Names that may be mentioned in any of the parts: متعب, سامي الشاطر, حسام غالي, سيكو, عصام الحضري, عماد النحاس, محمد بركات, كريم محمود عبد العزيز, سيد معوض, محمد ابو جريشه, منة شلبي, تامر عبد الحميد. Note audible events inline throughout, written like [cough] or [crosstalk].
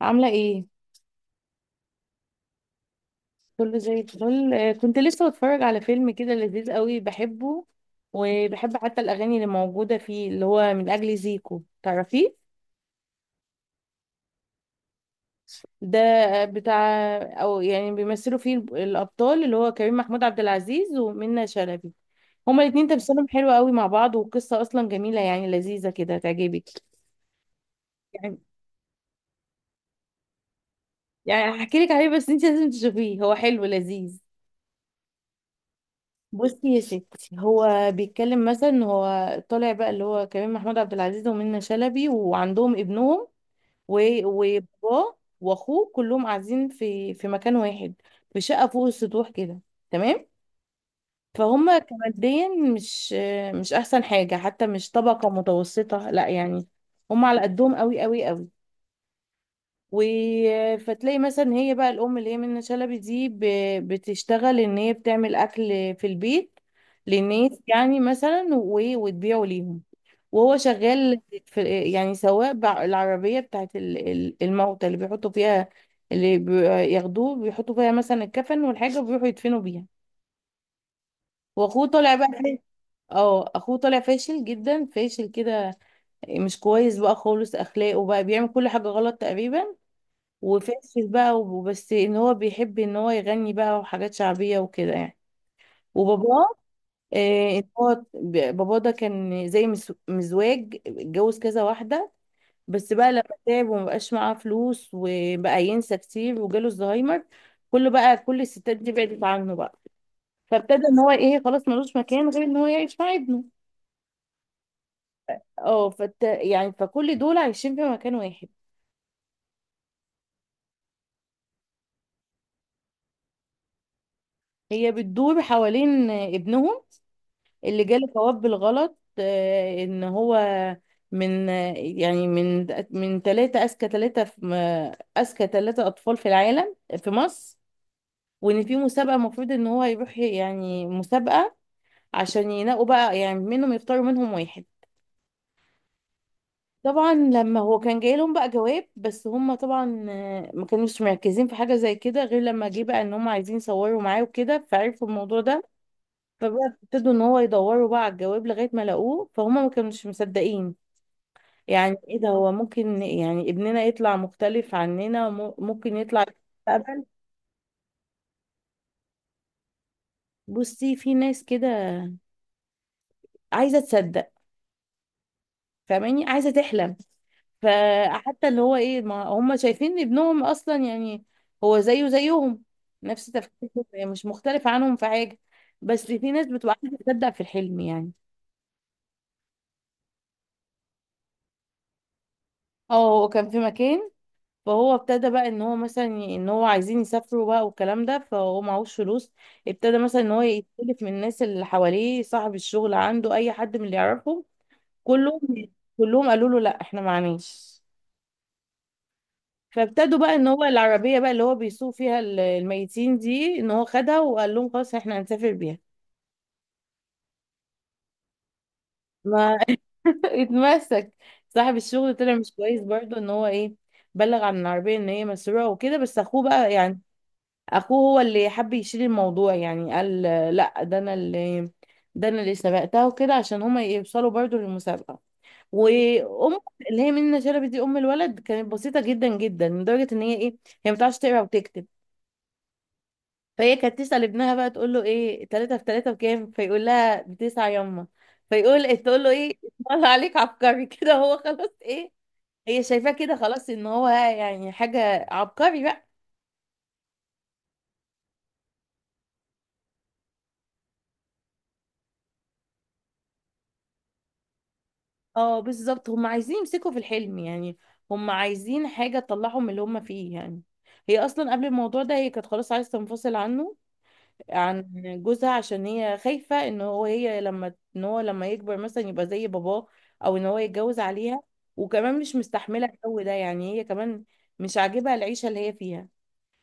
عاملة ايه؟ كله زي الفل، كنت لسه بتفرج على فيلم كده لذيذ قوي بحبه، وبحب حتى الأغاني اللي موجودة فيه، اللي هو من أجل زيكو، تعرفيه؟ ده بتاع، أو يعني بيمثلوا فيه الأبطال، اللي هو كريم محمود عبد العزيز ومنة شلبي. هما الاتنين تمثيلهم حلو قوي مع بعض، والقصة أصلا جميلة يعني لذيذة كده تعجبك. يعني يعني هحكي لك عليه، بس انت لازم تشوفيه، هو حلو لذيذ. بصي يا ستي، هو بيتكلم مثلا، هو طالع بقى اللي هو كريم محمود عبد العزيز ومنى شلبي، وعندهم ابنهم، وباباه واخوه، كلهم قاعدين في مكان واحد، في شقه فوق السطوح كده، تمام. فهم كماديا، مش احسن حاجه، حتى مش طبقه متوسطه لا يعني، هم على قدهم قوي قوي قوي. و، فتلاقي مثلا هي بقى الام اللي هي منة شلبي دي بتشتغل ان هي بتعمل اكل في البيت للناس، يعني مثلا، وتبيعه ليهم. وهو شغال في يعني سواق العربية بتاعت الموتى، اللي بيحطوا فيها اللي بياخدوه، بيحطوا فيها مثلا الكفن والحاجة، وبيروحوا يدفنوا بيها. واخوه طالع بقى فيه، اه اخوه طالع فاشل جدا، فاشل كده، مش كويس بقى خالص، اخلاقه بقى بيعمل كل حاجة غلط تقريبا، وفاشل بقى، وبس ان هو بيحب ان هو يغني بقى وحاجات شعبية وكده يعني. وباباه، إن هو باباه ده كان زي مزواج، اتجوز كذا واحدة، بس بقى لما تعب ومبقاش معاه فلوس وبقى ينسى كتير وجاله الزهايمر، كله بقى، كل الستات دي بعدت عنه بقى، فابتدى ان هو ايه، خلاص ملوش مكان غير ان هو يعيش مع ابنه. اه يعني فكل دول عايشين في مكان واحد. هي بتدور حوالين ابنهم اللي جاله جواب بالغلط، ان هو من، يعني من ثلاثة أذكى ثلاثة في أذكى ثلاثة أطفال في العالم، في مصر. وإن في مسابقة المفروض إن هو يروح، يعني مسابقة عشان ينقوا بقى، يعني منهم، يختاروا منهم واحد. طبعا لما هو كان جاي لهم بقى جواب، بس هم طبعا ما كانوش مركزين في حاجة زي كده، غير لما جه بقى إن هم عايزين يصوروا معاه وكده، فعرفوا الموضوع ده. فبقى ابتدوا ان هو يدوروا بقى على الجواب لغاية ما لقوه، فهم ما كانوش مصدقين يعني ايه ده، هو ممكن يعني ابننا يطلع مختلف عننا، ممكن يطلع مستقبل. بصي في ناس كده عايزه تصدق، فاهماني، عايزه تحلم. فحتى اللي هو ايه، ما هم شايفين إن ابنهم اصلا يعني هو زيه زيهم، نفس تفكيرهم، يعني مش مختلف عنهم في حاجه، بس في ناس بتبقى عايزه تصدق في الحلم يعني. اه هو كان في مكان، فهو ابتدى بقى ان هو مثلا ان هو عايزين يسافروا بقى والكلام ده، فهو معهوش فلوس، ابتدى مثلا ان هو يستلف من الناس اللي حواليه، صاحب الشغل عنده اي حد من اللي يعرفهم، كلهم كلهم قالوا له لا احنا معناش. فابتدوا بقى ان هو العربية بقى اللي هو بيسوق فيها الميتين دي، ان هو خدها وقال لهم خلاص احنا هنسافر بيها. ما [laughs] اتمسك. صاحب الشغل طلع مش كويس برضه، ان هو ايه، بلغ عن العربية ان هي مسروقة وكده، بس اخوه بقى يعني، اخوه هو اللي حب يشيل الموضوع، يعني قال لا ده انا اللي، ده انا اللي سبقتها وكده، عشان هما يوصلوا برضو للمسابقة. وام، اللي هي منى شلبي دي ام الولد، كانت بسيطة جدا جدا، لدرجة ان هي ايه، هي ما بتعرفش تقرا وتكتب. فهي كانت تسأل ابنها بقى تقول له ايه تلاتة في تلاتة بكام، فيقول لها بتسعة يما. فيقول تقول له ايه، طلع عليك عبقري [laughs] كده، هو خلاص ايه، هي شايفاه كده خلاص ان هو يعني حاجة عبقري بقى. اه بالظبط، هم عايزين يمسكوا في الحلم يعني، هم عايزين حاجة تطلعهم من اللي هم فيه يعني. هي اصلا قبل الموضوع ده هي كانت خلاص عايزة تنفصل عنه، عن جوزها، عشان هي خايفة ان هو، هي لما ان هو لما يكبر مثلا يبقى زي باباه، او ان هو يتجوز عليها. وكمان مش مستحملة الجو ده، يعني هي كمان مش عاجبها العيشة اللي هي فيها،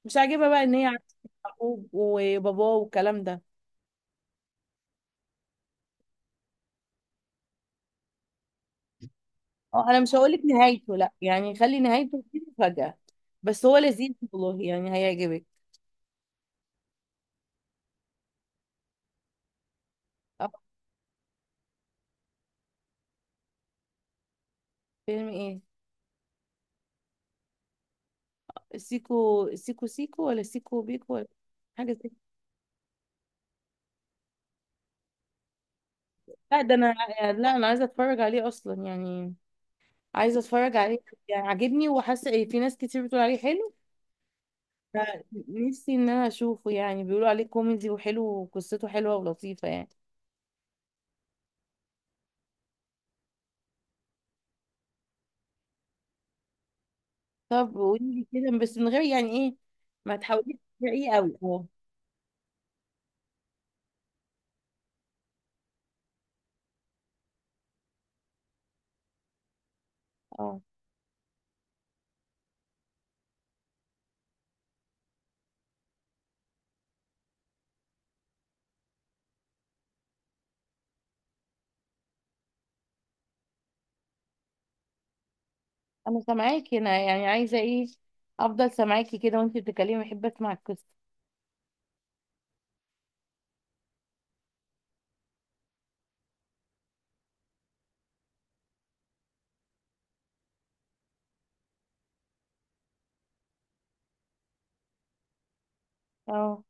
مش عاجبها بقى ان هي عايشة مع أخوه وباباه والكلام ده. اه انا مش هقولك نهايته لا يعني، خلي نهايته دي مفاجأة، بس هو لذيذ والله، يعني هيعجبك. اه. فيلم ايه؟ سيكو سيكو سيكو ولا سيكو بيكو ولا حاجه زي، لا ده انا، لا انا عايزه اتفرج عليه اصلا يعني، عايزه اتفرج عليه، يعني عاجبني وحاسه في ناس كتير بتقول عليه حلو. نفسي ان انا اشوفه، يعني بيقولوا عليه كوميدي وحلو وقصته حلوه ولطيفه يعني. طب قولي كده بس من غير يعني ايه، ما تحاوليش تسرقيه قوي اه. اه انا سامعاكي، انا يعني عايزه ايه، افضل سامعاكي كده وانت بتتكلمي، بحب اسمع القصه. اه.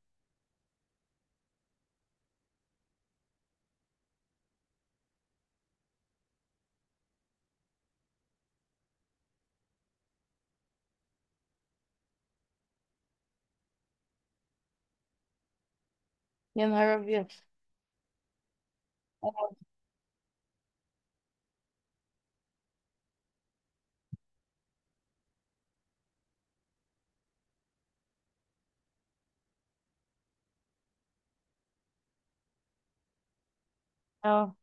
يا نهار ابيض. اه. اه.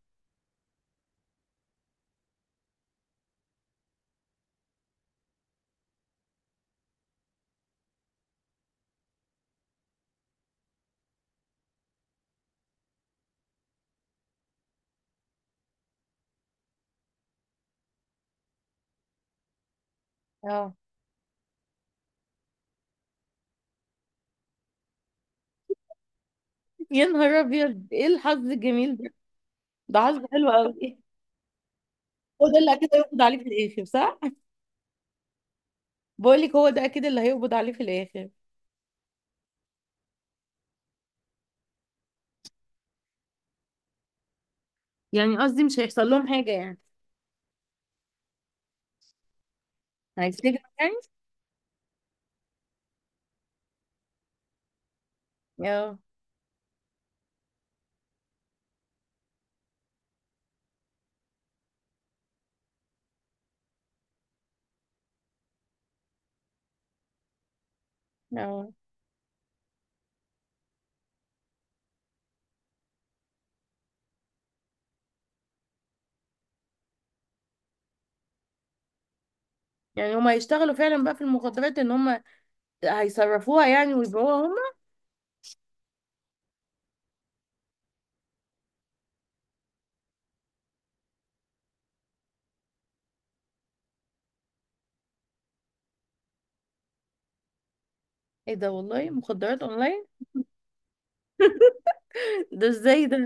اه يا نهار ابيض ايه الحظ الجميل ده، ده حظ حلو قوي. [laughs] هو ده اللي اكيد هيقبض عليه في الاخر صح؟ بقول لك هو ده اكيد اللي هيقبض عليه في الاخر. يعني قصدي مش هيحصل لهم حاجه يعني. هيتسجنوا يعني. اه. اه يعني هم هيشتغلوا فعلا بقى في المخدرات، ان هم هيصرفوها يعني ويبيعوها هم. ايه ده، والله مخدرات اونلاين؟ ده ازاي ده؟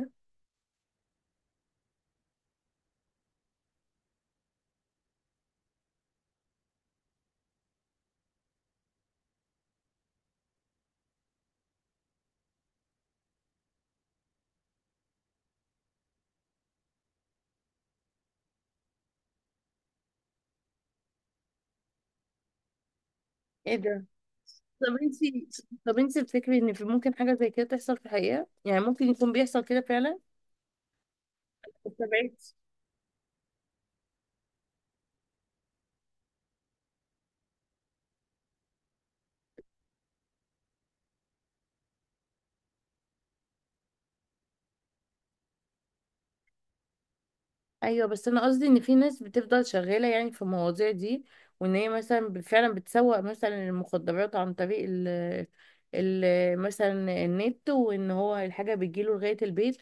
ايه ده. طب انت، طب انت بتفكري ان في ممكن حاجه زي كده تحصل في الحقيقه يعني، ممكن يكون بيحصل كده فعلا. طب ايوه، بس انا قصدي ان في ناس بتفضل شغاله يعني في المواضيع دي، وان هي مثلا فعلا بتسوق مثلا المخدرات عن طريق ال مثلا النت، وان هو الحاجه بتجيله لغايه البيت،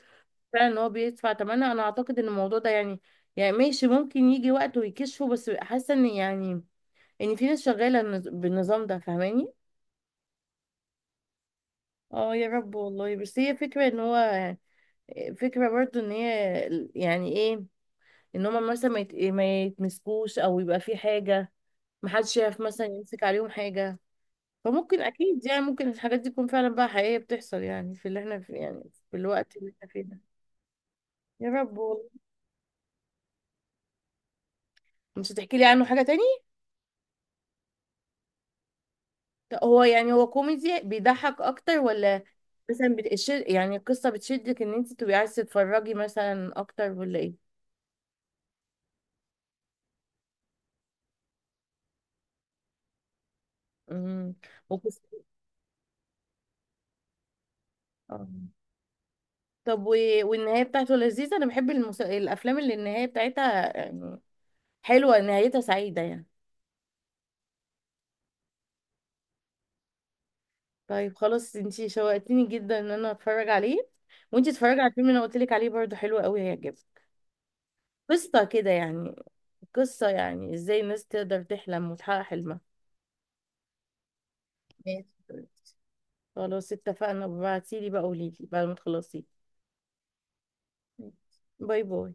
فعلا ان هو بيدفع ثمنها. انا اعتقد ان الموضوع ده يعني، يعني ماشي ممكن يجي وقت ويكشفه، بس حاسه ان يعني، ان في ناس شغاله بالنظام ده، فاهماني. اه يا رب والله، بس هي فكره ان هو، فكره برضو ان هي يعني ايه، ان هما مثلا ما يتمسكوش، او يبقى في حاجه محدش يعرف مثلا يمسك عليهم حاجة. فممكن أكيد، يعني ممكن الحاجات دي تكون فعلا بقى حقيقية بتحصل يعني في اللي احنا في يعني، في الوقت اللي احنا فيه ده. يا رب والله. مش هتحكي لي عنه حاجة تاني؟ هو يعني هو كوميدي بيضحك أكتر، ولا مثلا بتشد يعني القصة بتشدك إن أنت تبقي عايزة تتفرجي مثلا أكتر، ولا إيه؟ امم. وقصة، آه. طب والنهاية بتاعته لذيذة؟ أنا بحب الأفلام اللي النهاية بتاعتها يعني حلوة، نهايتها سعيدة يعني. طيب خلاص انتي شوقتيني جدا ان انا اتفرج عليه، وانتي اتفرجي على الفيلم اللي انا قلت لك عليه برضه حلو قوي هيعجبك، قصة كده يعني، قصة يعني ازاي الناس تقدر تحلم وتحقق حلمها. ماشي خلاص. خلاص اتفقنا، ابعتيلي بقى قوليلي بعد ما تخلصي. باي باي.